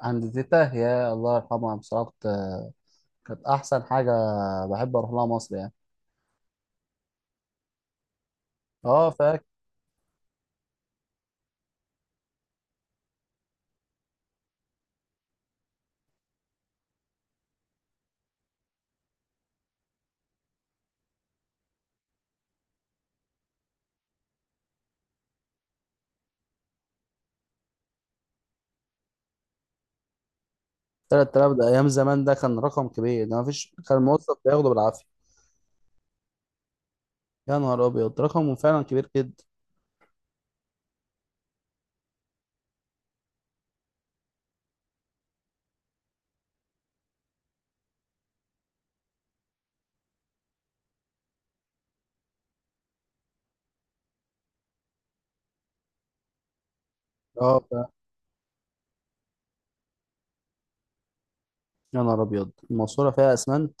عند تيتا، هي الله يرحمها بصراحة. كانت أحسن حاجة. بحب أروح لها مصر يعني. أه فاكر. 3000 ده أيام زمان، ده كان رقم كبير، ده مفيش، كان الموظف بياخده بالعافية. يا نهار أبيض، رقمه فعلا كبير جدا. أه فعلا. يا نهار أبيض، الماسورة فيها أسمنت.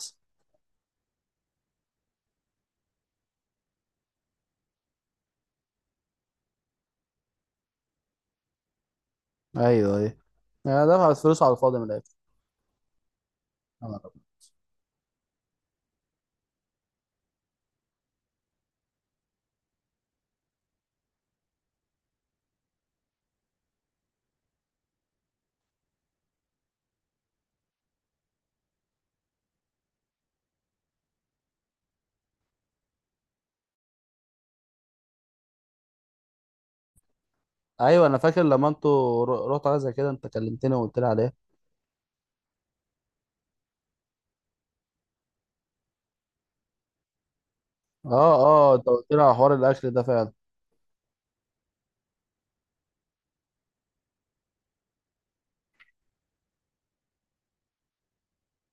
أيوه أيوه. يعني دفعت فلوس على الفاضي من الآخر. يا نهار أبيض. أيوه أنا فاكر لما أنتوا رحتوا حاجة زي كده أنت كلمتني وقلت لي عليها. أه. أه أنت قلت لي على حوار الأكل ده فعلا.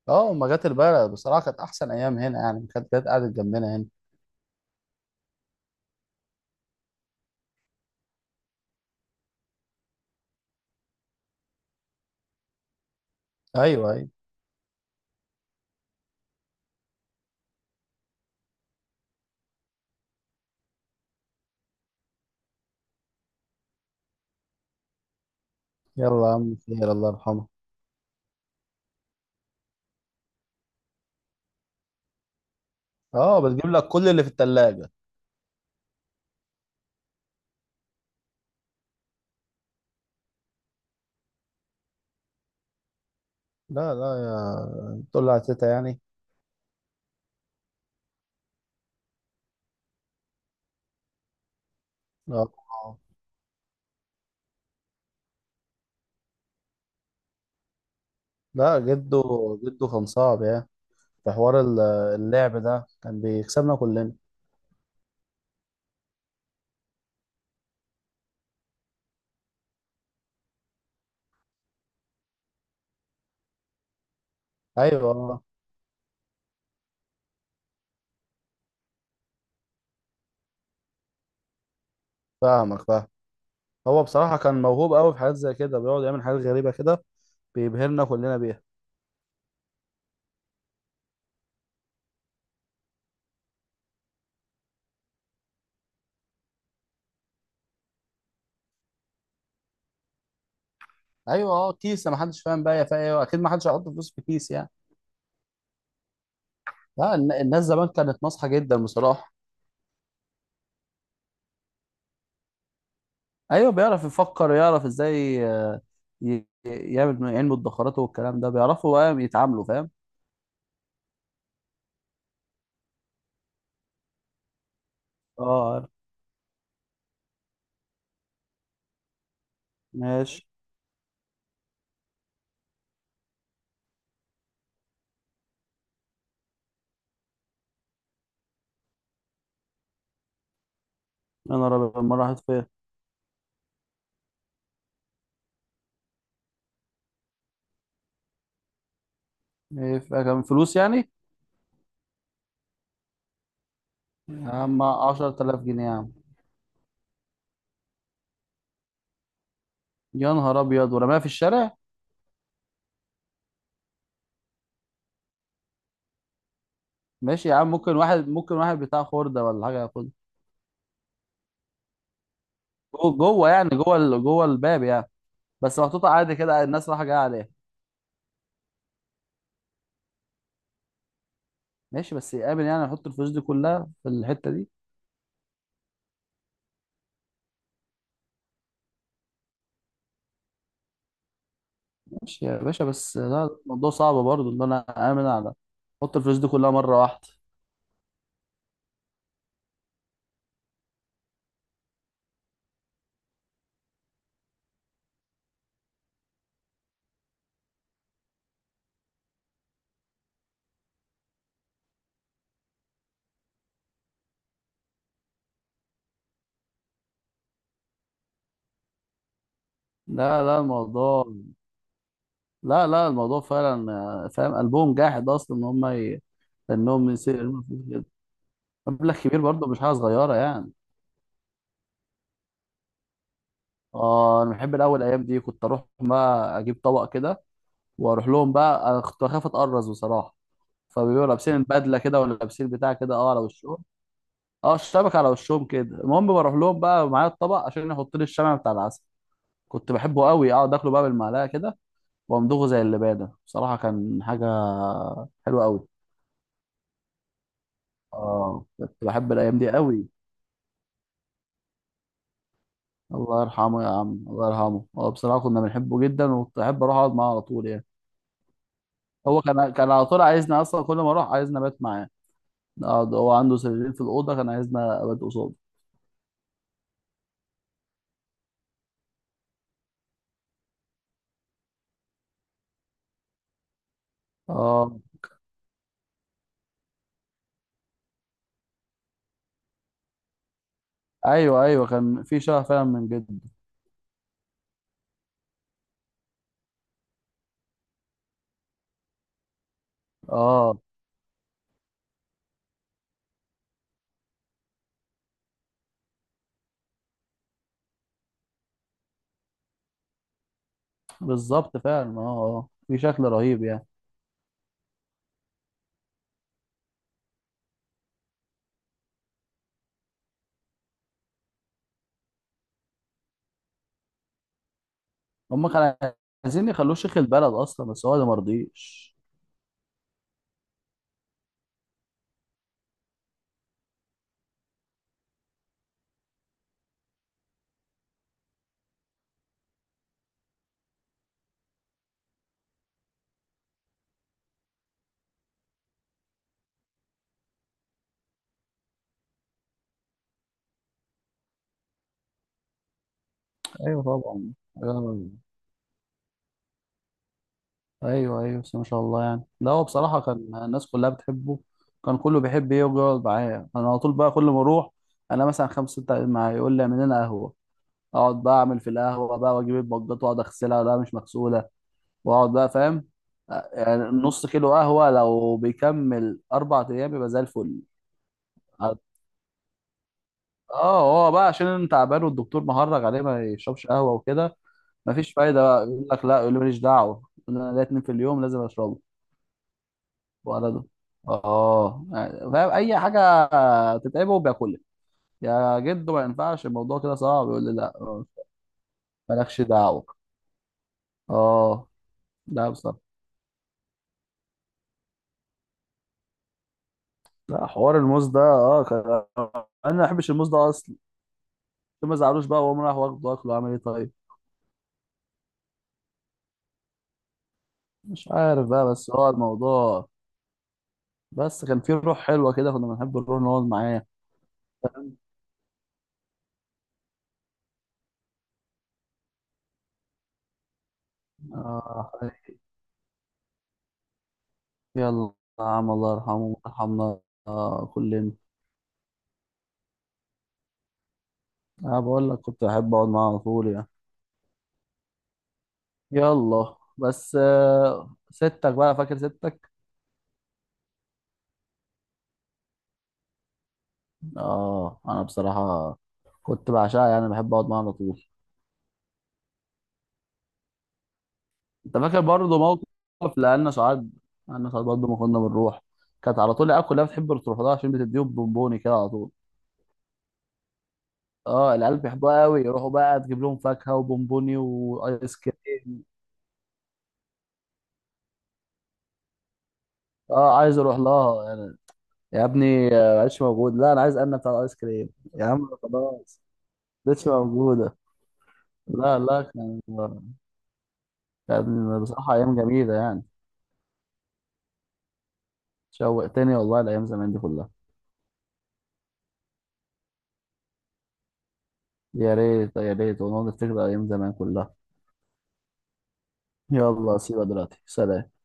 أه أما جت البلد بصراحة كانت أحسن أيام هنا يعني، كانت جت قعدت جنبنا هنا. ايوه ايوه. يلا يا عم، خير، الله يرحمه. اه بتجيب لك كل اللي في التلاجة. لا لا. يا تقول لها تيتا يعني. اه. آه. لا جده، جده كان صعب يعني. في حوار اللعب ده كان بيكسبنا كلنا. ايوه. فاهمك فاهم. هو بصراحة كان موهوب قوي في حاجات زي كده، بيقعد يعمل حاجات غريبة كده، بيبهرنا كلنا بيها. ايوه. اه كيسة ما حدش فاهم بقى هي فيها ايه، اكيد ما حدش هيحط فلوس في كيس يعني. لا، الناس زمان كانت ناصحة جدا بصراحة. ايوه بيعرف يفكر، يعرف ازاي. يعمل علم الدخرات والكلام ده، بيعرفوا بقى يتعاملوا، فاهم. اه عارف. ماشي. انا رابع مرة، راحت فين؟ إيه، كان فلوس يعني؟ يا عم 10,000 جنيه يا عم. يا نهار ابيض، ورماها في الشارع. ماشي يا عم، ممكن واحد، ممكن واحد بتاع خردة ولا حاجة ياخدها. جوه، جوه يعني، جوه جوه الباب يعني. بس محطوطة عادي كده، الناس رايحة جاية عليها. ماشي، بس يامن يعني يحط الفلوس دي كلها في الحتة دي. ماشي يا باشا، بس لا، الموضوع صعب برضه ان انا امن على احط الفلوس دي كلها مره واحده. لا لا الموضوع. لا لا الموضوع فعلا. فاهم قلبهم جاحد اصلا ان هم انهم يسيروا فلوس كده، مبلغ كبير برضه، مش حاجه صغيره يعني. اه انا بحب الاول، الايام دي كنت اروح بقى اجيب طبق كده واروح لهم بقى. انا كنت بخاف اتقرص بصراحه، فبيبقوا لابسين البدله كده ولا لابسين بتاع كده اه على وشهم. اه الشبكه على وشهم كده. المهم بروح لهم بقى معايا الطبق عشان يحط لي الشمع بتاع العسل. كنت بحبه قوي، اقعد اكله بقى بالمعلقه كده، وامضغه زي اللبانه. بصراحه كان حاجه حلوه قوي. اه كنت بحب الايام دي قوي. الله يرحمه يا عم، الله يرحمه. هو بصراحه كنا بنحبه جدا، وكنت احب اروح اقعد معاه على طول يعني. هو كان، كان على طول عايزنا اصلا، كل ما اروح عايزنا ابات معاه. نقعد، هو عنده سريرين في الاوضه، كان عايزنا ابات قصاده. اه. ايوه ايوه كان في شغف فعلا من جد. اه بالظبط فعلا، اه اه في شكل رهيب يعني. هم كانوا عايزين يخلوه شيخ البلد اصلا بس هو ده مرضيش. ايوه طبعا. آه، ايوه ايوه، بس ما شاء الله يعني. ده هو بصراحه كان الناس كلها بتحبه، كان كله بيحب يجي يقعد معايا. انا على طول بقى كل ما اروح، انا مثلا خمسه سته قاعدين معايا، يقول لي اعمل لنا قهوه. اقعد بقى اعمل في القهوه بقى، واجيب البجات واقعد اغسلها، لا مش مغسوله، واقعد بقى، فاهم. يعني نص كيلو قهوه لو بيكمل اربع ايام يبقى زي الفل. اه هو بقى عشان انت تعبان، والدكتور مهرج عليه ما يشربش قهوه وكده. مفيش فايده بقى، يقول لك لا، يقول لي ماليش دعوه، يقول لي انا ليا اتنين في اليوم لازم اشربه. ولده. اه يعني فاهم اي حاجه تتعبه بياكلها. يا جدو ما ينفعش الموضوع كده صعب، يقول لي لا، مالكش دعوه. اه. لا بصراحه، لا حوار الموز ده اه انا ما بحبش الموز ده اصلا. ما زعلوش بقى، وقام راح واخده اكله، عمل ايه طيب. مش عارف بقى، بس هو الموضوع، بس كان فيه روح حلوه كده، كنا بنحب نروح نقعد معاه. اه. يلا يا عم، الله يرحمه ويرحمنا. آه كلنا. انا بقول لك كنت احب اقعد معاه على طول يعني. يلا، بس ستك بقى، فاكر ستك؟ اه انا بصراحه كنت بعشقها يعني، بحب اقعد معاها على طول. انت فاكر برضه موقف لأن سعاد؟ أنا سعاد برضه ما كنا بنروح، كانت على طول العيال كلها بتحب تروح لها عشان بتديهم بونبوني كده على طول. اه العيال بيحبوها قوي، يروحوا بقى تجيب لهم فاكهه وبونبوني وايس كريم. اه عايز اروح لها يعني. يا ابني معلش، موجود، لا انا عايز، انا بتاع الايس كريم. يا عم خلاص، مش موجوده. لا لا كان، لا بصراحة أيام جميلة يعني. شوقتني والله الأيام زمان دي كلها. يا ريت، يا ريت، ونقعد نفتكر أيام زمان كلها. يلا سيبها دلوقتي، سلام.